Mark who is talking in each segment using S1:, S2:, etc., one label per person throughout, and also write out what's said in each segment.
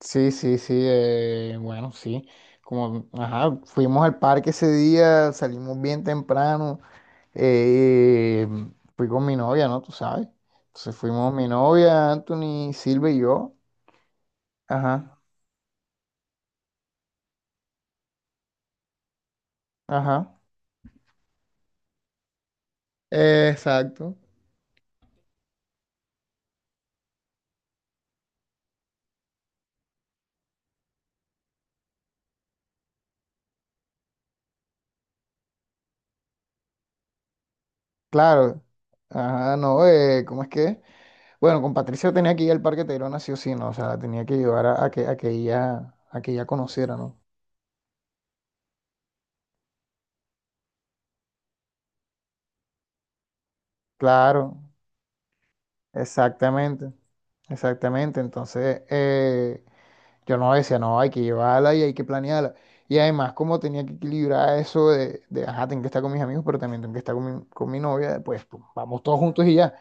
S1: Sí, sí, sí, bueno, sí. Como, ajá, fuimos al parque ese día, salimos bien temprano. eh, Fui con mi novia, ¿no? Tú sabes. Entonces fuimos mi novia, Anthony, Silvia y yo. Ajá, ajá. Exacto. Claro. Ajá, no, ¿cómo es que? Bueno, con Patricia tenía que ir al parque Tayrona sí o sí, ¿no? O sea, la tenía que llevar a que ella conociera, ¿no? Claro. Exactamente, exactamente. Entonces, yo no decía, no, hay que llevarla y hay que planearla. Y además, como tenía que equilibrar eso ajá, tengo que estar con mis amigos, pero también tengo que estar con mi novia, vamos todos juntos y ya.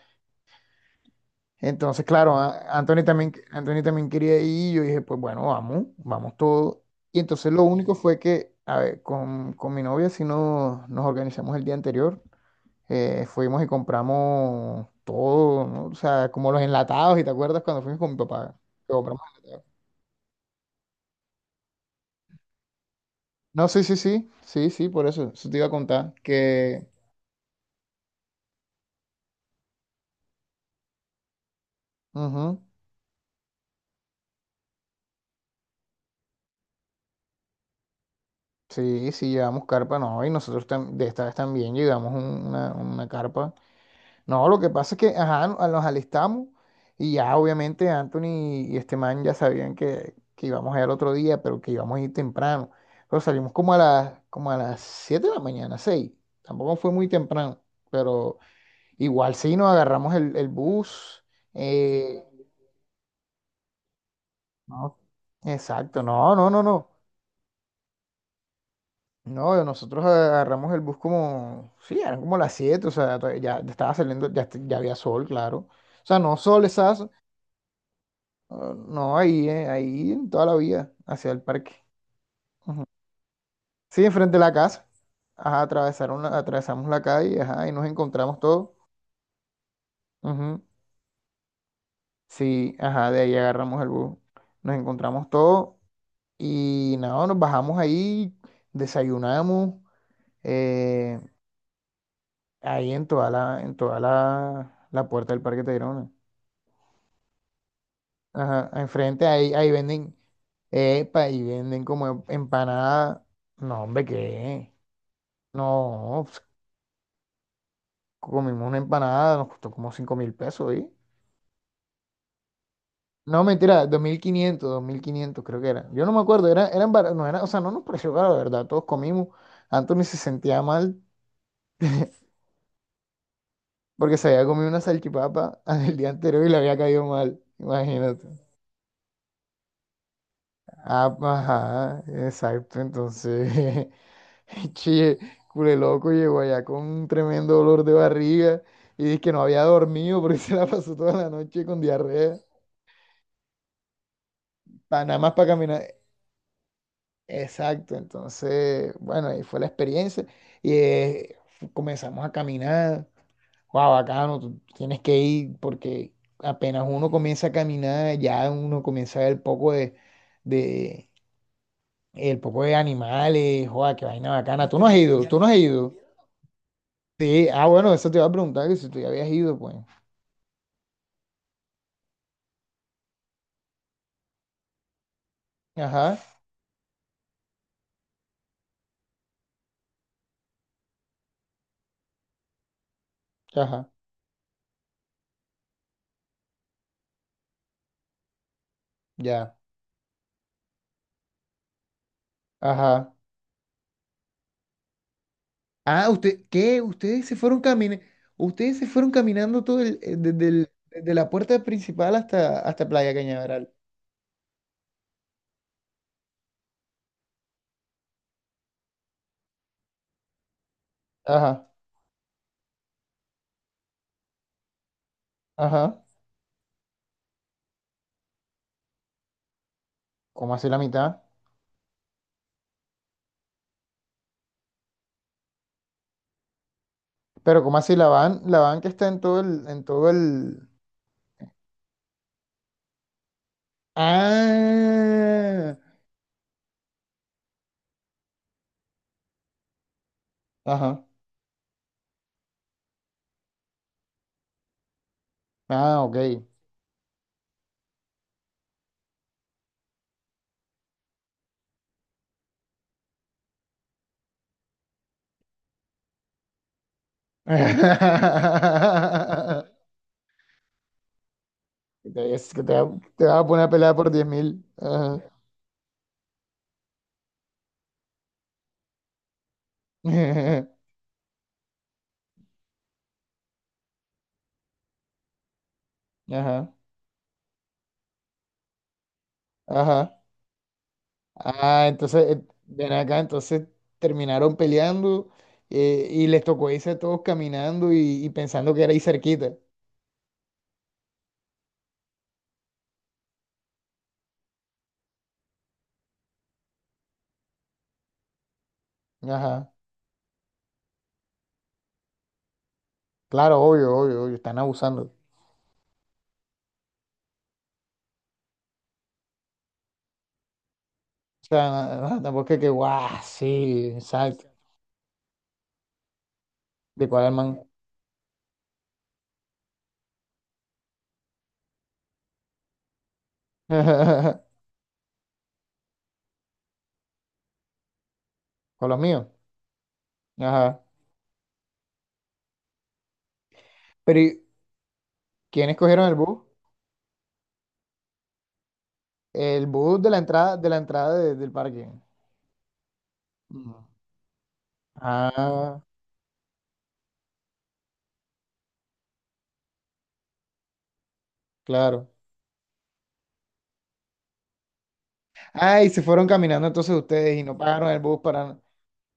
S1: Entonces, claro, Anthony también quería ir y yo dije, pues bueno, vamos, vamos todos. Y entonces lo único fue que, a ver, con mi novia sí nos organizamos el día anterior. Fuimos y compramos todo, ¿no? O sea, como los enlatados, ¿y te acuerdas cuando fuimos con mi papá? Que compramos enlatados. No, sí, sí, sí, sí, sí, por eso, eso te iba a contar, que ujú, sí, sí, llevamos carpa. No, y nosotros de esta vez también llevamos una carpa. No, lo que pasa es que, ajá, nos alistamos, y ya obviamente Anthony y este man ya sabían que íbamos a ir al otro día, pero que íbamos a ir temprano. Pero salimos como a las 7 de la mañana, 6. Tampoco fue muy temprano, pero igual sí nos agarramos el bus. eh, no, exacto, no, no, no, no. No, nosotros agarramos el bus como, sí, eran como las 7, o sea, ya estaba saliendo, ya, ya había sol, claro. O sea, no sol esa. Ah, no, ahí en toda la vía, hacia el parque. Ujú. Sí, enfrente de la casa. Ajá, atravesamos la calle, ajá, y nos encontramos todo. Ujú. Sí, ajá, de ahí agarramos el bus. Nos encontramos todo y nada, nos bajamos ahí, desayunamos, eh, ahí la puerta del Parque Tayrona. Ajá, enfrente ahí, ahí venden como empanada. No, hombre, ¿qué? No, comimos una empanada, nos costó como 5.000 pesos, ¿y? No, mentira, dos mil quinientos creo que era. Yo no me acuerdo, era, eran no era, o sea, no nos pareció caro, la verdad, todos comimos. Anthony se sentía mal porque se había comido una salchipapa el día anterior y le había caído mal, imagínate. Ah, ajá, exacto, entonces, chile cule loco llegó allá con un tremendo dolor de barriga y dice que no había dormido porque se la pasó toda la noche con diarrea. Nada más para caminar. Exacto, entonces, bueno, ahí fue la experiencia y comenzamos a caminar. Wow, bacano, tú tienes que ir porque apenas uno comienza a caminar, ya uno comienza a ver de el poco de animales, joda, qué vaina bacana. ¿No? Tú no has ido. Sí, ah, bueno, eso te iba a preguntar que si tú ya habías ido, pues. Ajá, ajá, ya, ajá. Ah, usted, ¿qué? Ustedes se fueron caminando desde desde la puerta principal hasta Playa Cañaveral. Ajá, ajá. ¿Cómo así la mitad? Pero ¿cómo así la van que está en todo el. Ah, ajá. Ah, ok. Es que te va a poner a pelear por 10.000. Ajá. Ajá. Ajá. Ah, entonces, ven acá, entonces terminaron peleando, y les tocó irse todos caminando y, pensando que era ahí cerquita. Ajá, claro, obvio, obvio, obvio, están abusando. O sea, tampoco es que, guau, sí, exacto. ¿De cuál man? Con los míos. Ajá. Pero, ¿quiénes cogieron el bus? El bus de la entrada, de la entrada de- del parque. Mm. Ah, claro. Ah, y se fueron caminando entonces ustedes y no pagaron el bus para...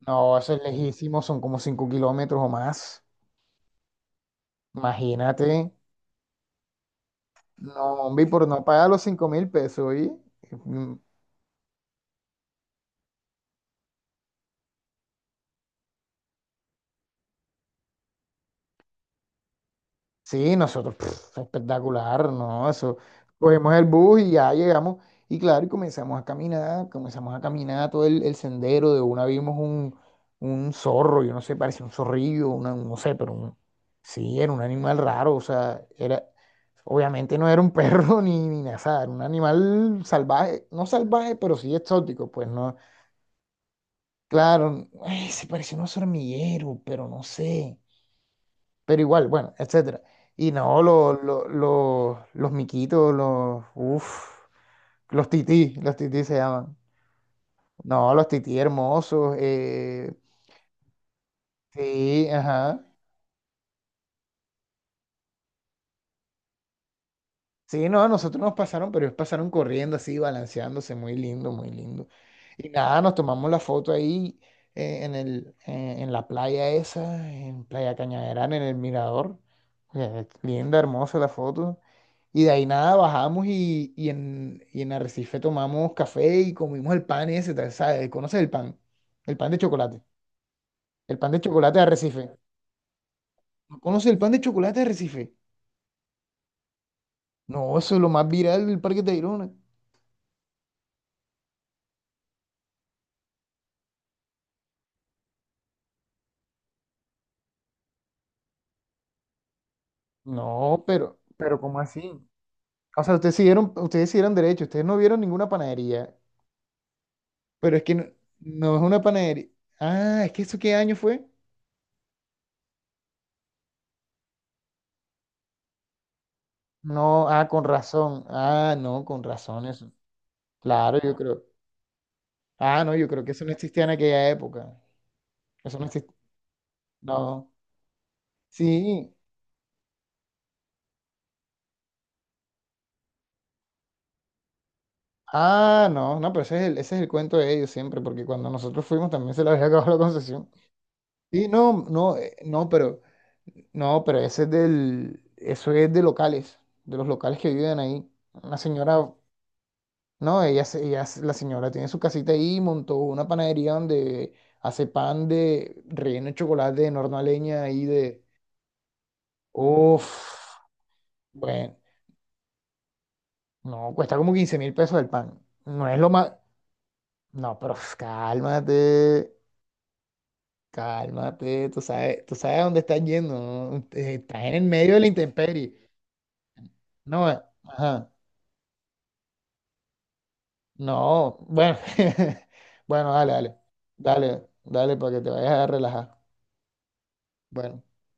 S1: No, eso es lejísimo, son como 5 kilómetros o más. Imagínate. No, hombre, y por no pagar los 5.000 pesos, ¿y? Sí, nosotros, pf, espectacular, ¿no? Eso, cogemos el bus y ya llegamos. Y claro, y comenzamos a caminar todo el sendero. De una vimos un zorro, yo no sé, parecía un zorrillo, una, no sé, pero sí, era un animal raro, o sea, era, obviamente no era un perro ni nada, era un animal salvaje, no salvaje, pero sí exótico, pues no. Claro, ay, se parecía a un hormiguero, pero no sé, pero igual, bueno, etcétera. Y no, los miquitos, uf, los tití se llaman. No, los tití hermosos, sí, ajá. Sí, no, a nosotros nos pasaron, pero ellos pasaron corriendo así, balanceándose, muy lindo, muy lindo. Y nada, nos tomamos la foto ahí, en la playa esa, en Playa Cañaveral, en el mirador. Linda, hermosa la foto. Y de ahí nada, bajamos y en Arrecife tomamos café y comimos el pan ese, tal, ¿sabes? ¿Conoces el pan? El pan de chocolate. El pan de chocolate de Arrecife. ¿No conoces el pan de chocolate de Arrecife? No, eso es lo más viral del Parque Tayrona. No, pero ¿cómo así? O sea, ustedes siguieron derecho, ustedes no vieron ninguna panadería, pero es que no, no es una panadería. Ah, ¿es que eso qué año fue? No, ah, con razón. Ah, no, con razón eso. Claro, yo creo. Ah, no, yo creo que eso no existía en aquella época. Eso no existía. No. Sí. Ah, no, no, pero ese es el, cuento de ellos siempre, porque cuando nosotros fuimos también se les había acabado la concesión. Sí, no, no, no, pero no, pero ese es del, eso es de los locales que viven ahí. Una señora, no, la señora tiene su casita ahí, montó una panadería donde hace pan de relleno de chocolate de horno a leña ahí de... uff, bueno, no, cuesta como 15.000 pesos el pan. No es lo más, no, pero uf, cálmate, cálmate, tú sabes a dónde estás yendo, ¿no? Estás en el medio de la intemperie. No, ajá. No, bueno, bueno, dale, dale, dale, dale para que te vayas a relajar. Bueno.